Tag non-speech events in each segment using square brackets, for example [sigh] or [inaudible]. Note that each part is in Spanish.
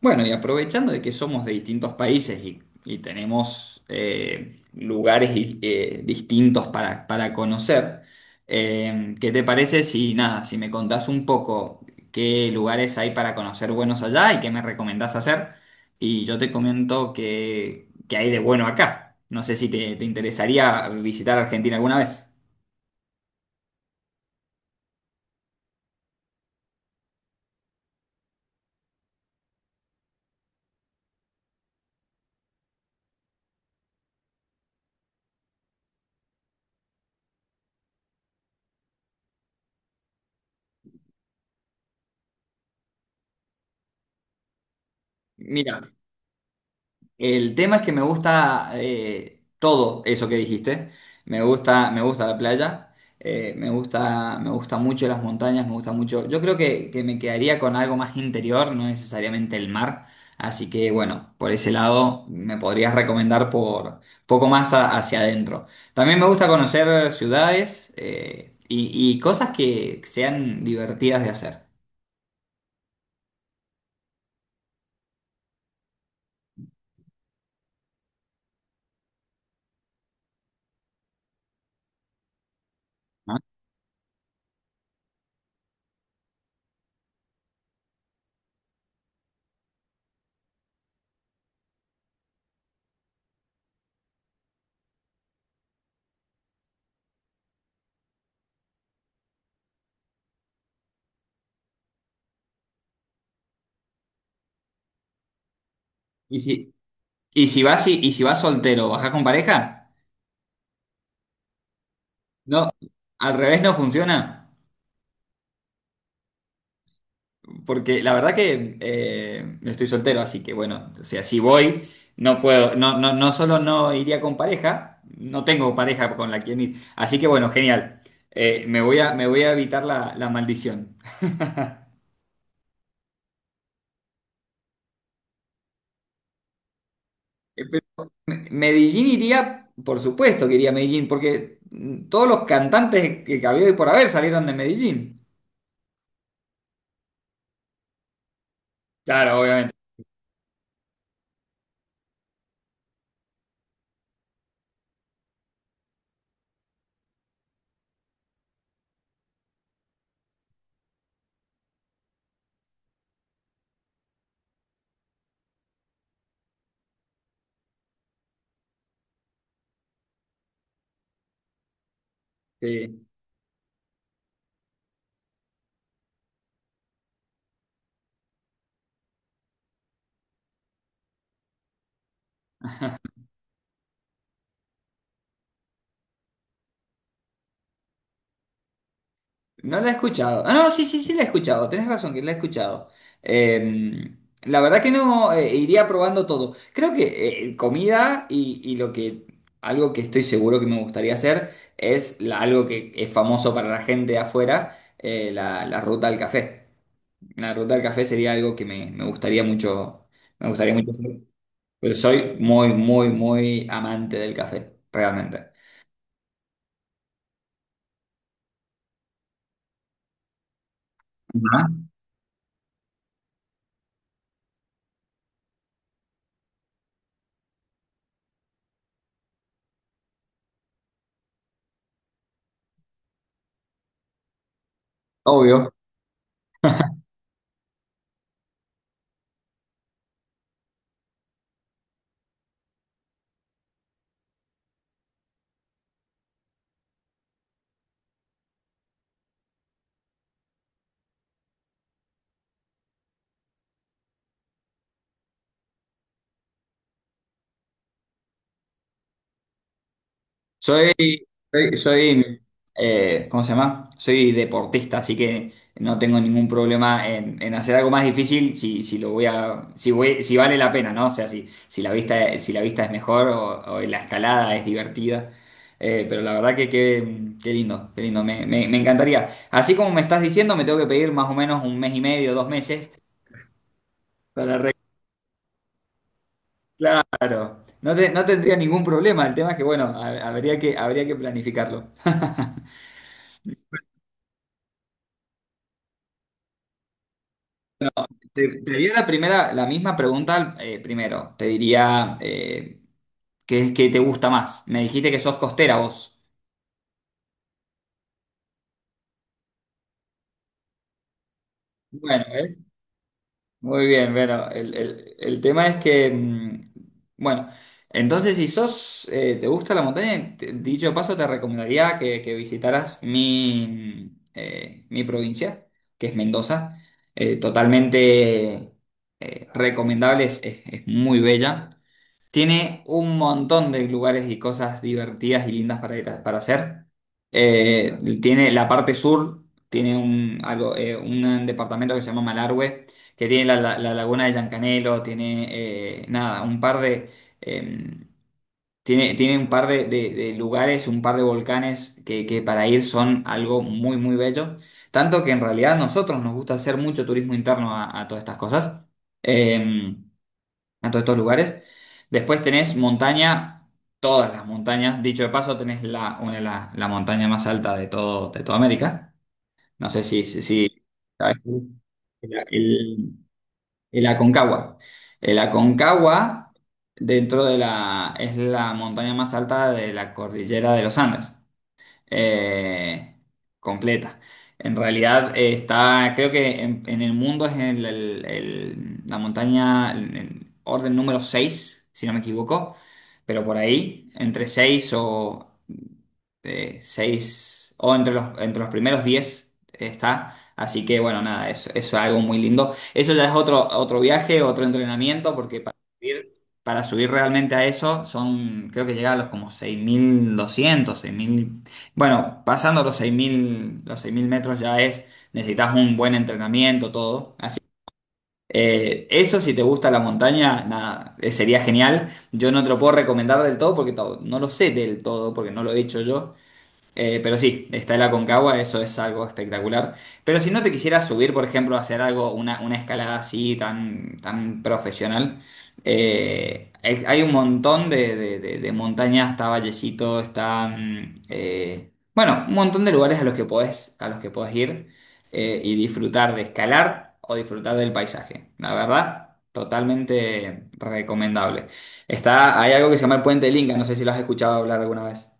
Bueno, y aprovechando de que somos de distintos países y tenemos lugares distintos para conocer, ¿qué te parece si me contás un poco qué lugares hay para conocer buenos allá y qué me recomendás hacer? Y yo te comento qué hay de bueno acá. No sé si te interesaría visitar Argentina alguna vez. Mira, el tema es que me gusta todo eso que dijiste. Me gusta la playa, me gusta mucho las montañas, me gusta mucho. Yo creo que me quedaría con algo más interior, no necesariamente el mar. Así que bueno, por ese lado me podrías recomendar por poco más hacia adentro. También me gusta conocer ciudades y cosas que sean divertidas de hacer, ¿no? Y si, y si vas soltero, ¿vas con pareja? No, al revés no funciona, porque la verdad que estoy soltero, así que bueno, o sea, si voy, no puedo, no, no, no solo no iría con pareja, no tengo pareja con la quien ir, así que bueno, genial. Me voy a evitar la maldición. Pero Medellín iría, por supuesto que iría a Medellín, porque todos los cantantes que había hoy por haber salieron de Medellín. Claro, obviamente, sí. No la he escuchado. Ah, no, sí, sí, sí la he escuchado. Tienes razón que la he escuchado. Eh, la verdad que no, iría probando todo. Creo que comida y lo que algo que estoy seguro que me gustaría hacer es algo que es famoso para la gente de afuera, la ruta al café. La ruta al café sería algo que me gustaría mucho hacer. Pero soy muy, muy, muy amante del café, realmente. Ajá. Obvio. Soy, soy, ¿cómo se llama? Soy deportista, así que no tengo ningún problema en hacer algo más difícil si, si voy, si vale la pena, ¿no? O sea, si, si la vista es mejor o la escalada es divertida. Pero la verdad que qué lindo, me encantaría. Así como me estás diciendo, me tengo que pedir más o menos un mes y medio, dos meses para arreglar. Claro, no, no tendría ningún problema. El tema es que, bueno, habría que planificarlo. [laughs] Te haría la primera, la misma pregunta primero. Te diría ¿qué te gusta más? Me dijiste que sos costera vos. Bueno, ¿ves? Muy bien, bueno, el tema es que, bueno, entonces si sos, te gusta la montaña, dicho de paso te recomendaría que visitaras mi provincia, que es Mendoza. Totalmente recomendable, es muy bella. Tiene un montón de lugares y cosas divertidas y lindas para ir para hacer. Tiene la parte sur, tiene un departamento que se llama Malargüe, que tiene la laguna de Yancanelo, tiene nada, un par de eh, tiene un par de, de lugares, un par de volcanes que para ir son algo muy, muy bello. Tanto que en realidad a nosotros nos gusta hacer mucho turismo interno a todas estas cosas. Em, a todos estos lugares. Después tenés montaña, todas las montañas. Dicho de paso, tenés la montaña más alta de todo, de toda América. No sé ¿sabes? El, el- el Aconcagua. El Aconcagua, dentro de la, es la montaña más alta de la cordillera de los Andes eh, completa. En realidad creo que en el mundo es la montaña en orden número 6, si no me equivoco, pero por ahí, entre 6 o 6 o entre los primeros 10 está. Así que bueno, nada, eso es algo muy lindo. Eso ya es otro, otro viaje, otro entrenamiento, porque para subir realmente a eso son, creo que llega a los como seis mil doscientos seis mil bueno, pasando los 6.000 metros ya es, necesitas un buen entrenamiento, todo. Así, eso si te gusta la montaña, nada, sería genial. Yo no te lo puedo recomendar del todo porque no lo sé del todo, porque no lo he hecho yo, pero sí, está el Aconcagua, eso es algo espectacular. Pero si no te quisieras subir, por ejemplo, a hacer algo, una escalada así tan, tan profesional, hay un montón de, de montañas, está Vallecito, está... bueno, un montón de lugares a los que podés, a los que podés ir y disfrutar de escalar o disfrutar del paisaje. La verdad, totalmente recomendable. Está, hay algo que se llama el Puente del Inca, no sé si lo has escuchado hablar alguna vez.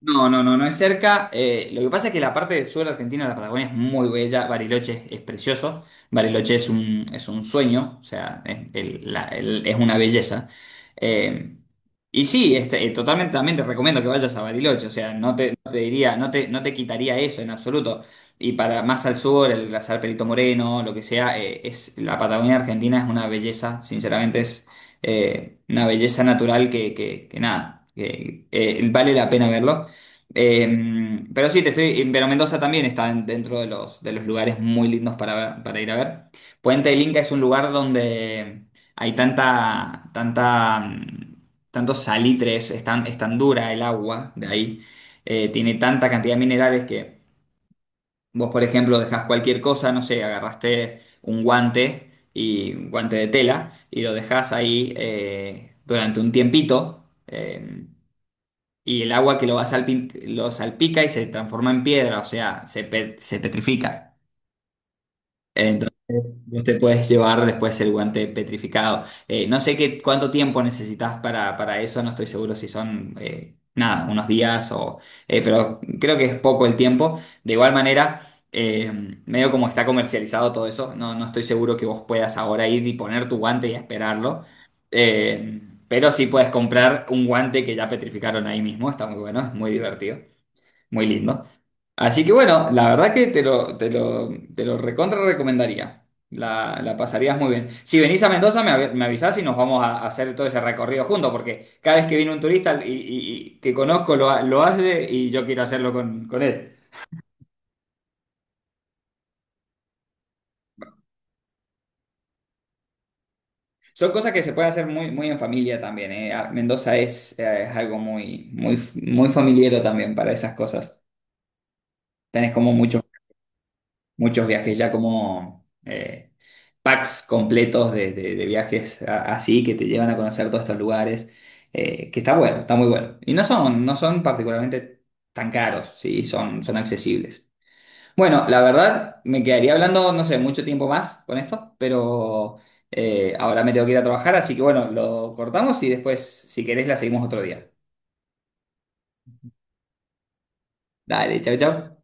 No, no, no, no es cerca. Lo que pasa es que la parte del sur de Argentina, la Patagonia, es muy bella. Bariloche es precioso. Bariloche es un sueño, o sea, es, es una belleza. Eh, y sí, totalmente también te recomiendo que vayas a Bariloche, o sea, no te diría, no te quitaría eso en absoluto. Y para más al sur, el glaciar Perito Moreno, lo que sea, la Patagonia Argentina es una belleza, sinceramente es una belleza natural que nada, que vale la pena verlo. Pero sí, te estoy, pero Mendoza también está dentro de los lugares muy lindos para ir a ver. Puente del Inca es un lugar donde hay tanta, tantos salitres, es tan dura el agua de ahí, tiene tanta cantidad de minerales que vos, por ejemplo, dejás cualquier cosa, no sé, agarraste un guante y un guante de tela y lo dejás ahí durante un tiempito. Y el agua va lo salpica y se transforma en piedra, o sea, se petrifica. Entonces, vos te puedes llevar después el guante petrificado. No sé cuánto tiempo necesitas para eso, no estoy seguro si son, nada, unos días o... pero creo que es poco el tiempo. De igual manera... eh, medio como está comercializado todo eso, no, no estoy seguro que vos puedas ahora ir y poner tu guante y esperarlo. Eh, pero sí puedes comprar un guante que ya petrificaron ahí mismo, está muy bueno, es muy divertido. Muy lindo. Así que bueno, la verdad que te lo recontra recomendaría. La pasarías muy bien. Si venís a Mendoza, me avisás y nos vamos a hacer todo ese recorrido juntos, porque cada vez que viene un turista y que conozco lo hace y yo quiero hacerlo con él. Son cosas que se pueden hacer muy, muy en familia también, eh. Ah, Mendoza es algo muy, muy, muy familiero también para esas cosas. Tenés como muchos viajes ya como... packs completos de, de viajes así que te llevan a conocer todos estos lugares, que está bueno, está muy bueno. Y no son particularmente tan caros, sí, son, son accesibles. Bueno, la verdad, me quedaría hablando, no sé, mucho tiempo más con esto, pero ahora me tengo que ir a trabajar, así que bueno, lo cortamos y después, si querés, la seguimos otro día. Dale, chau, chau.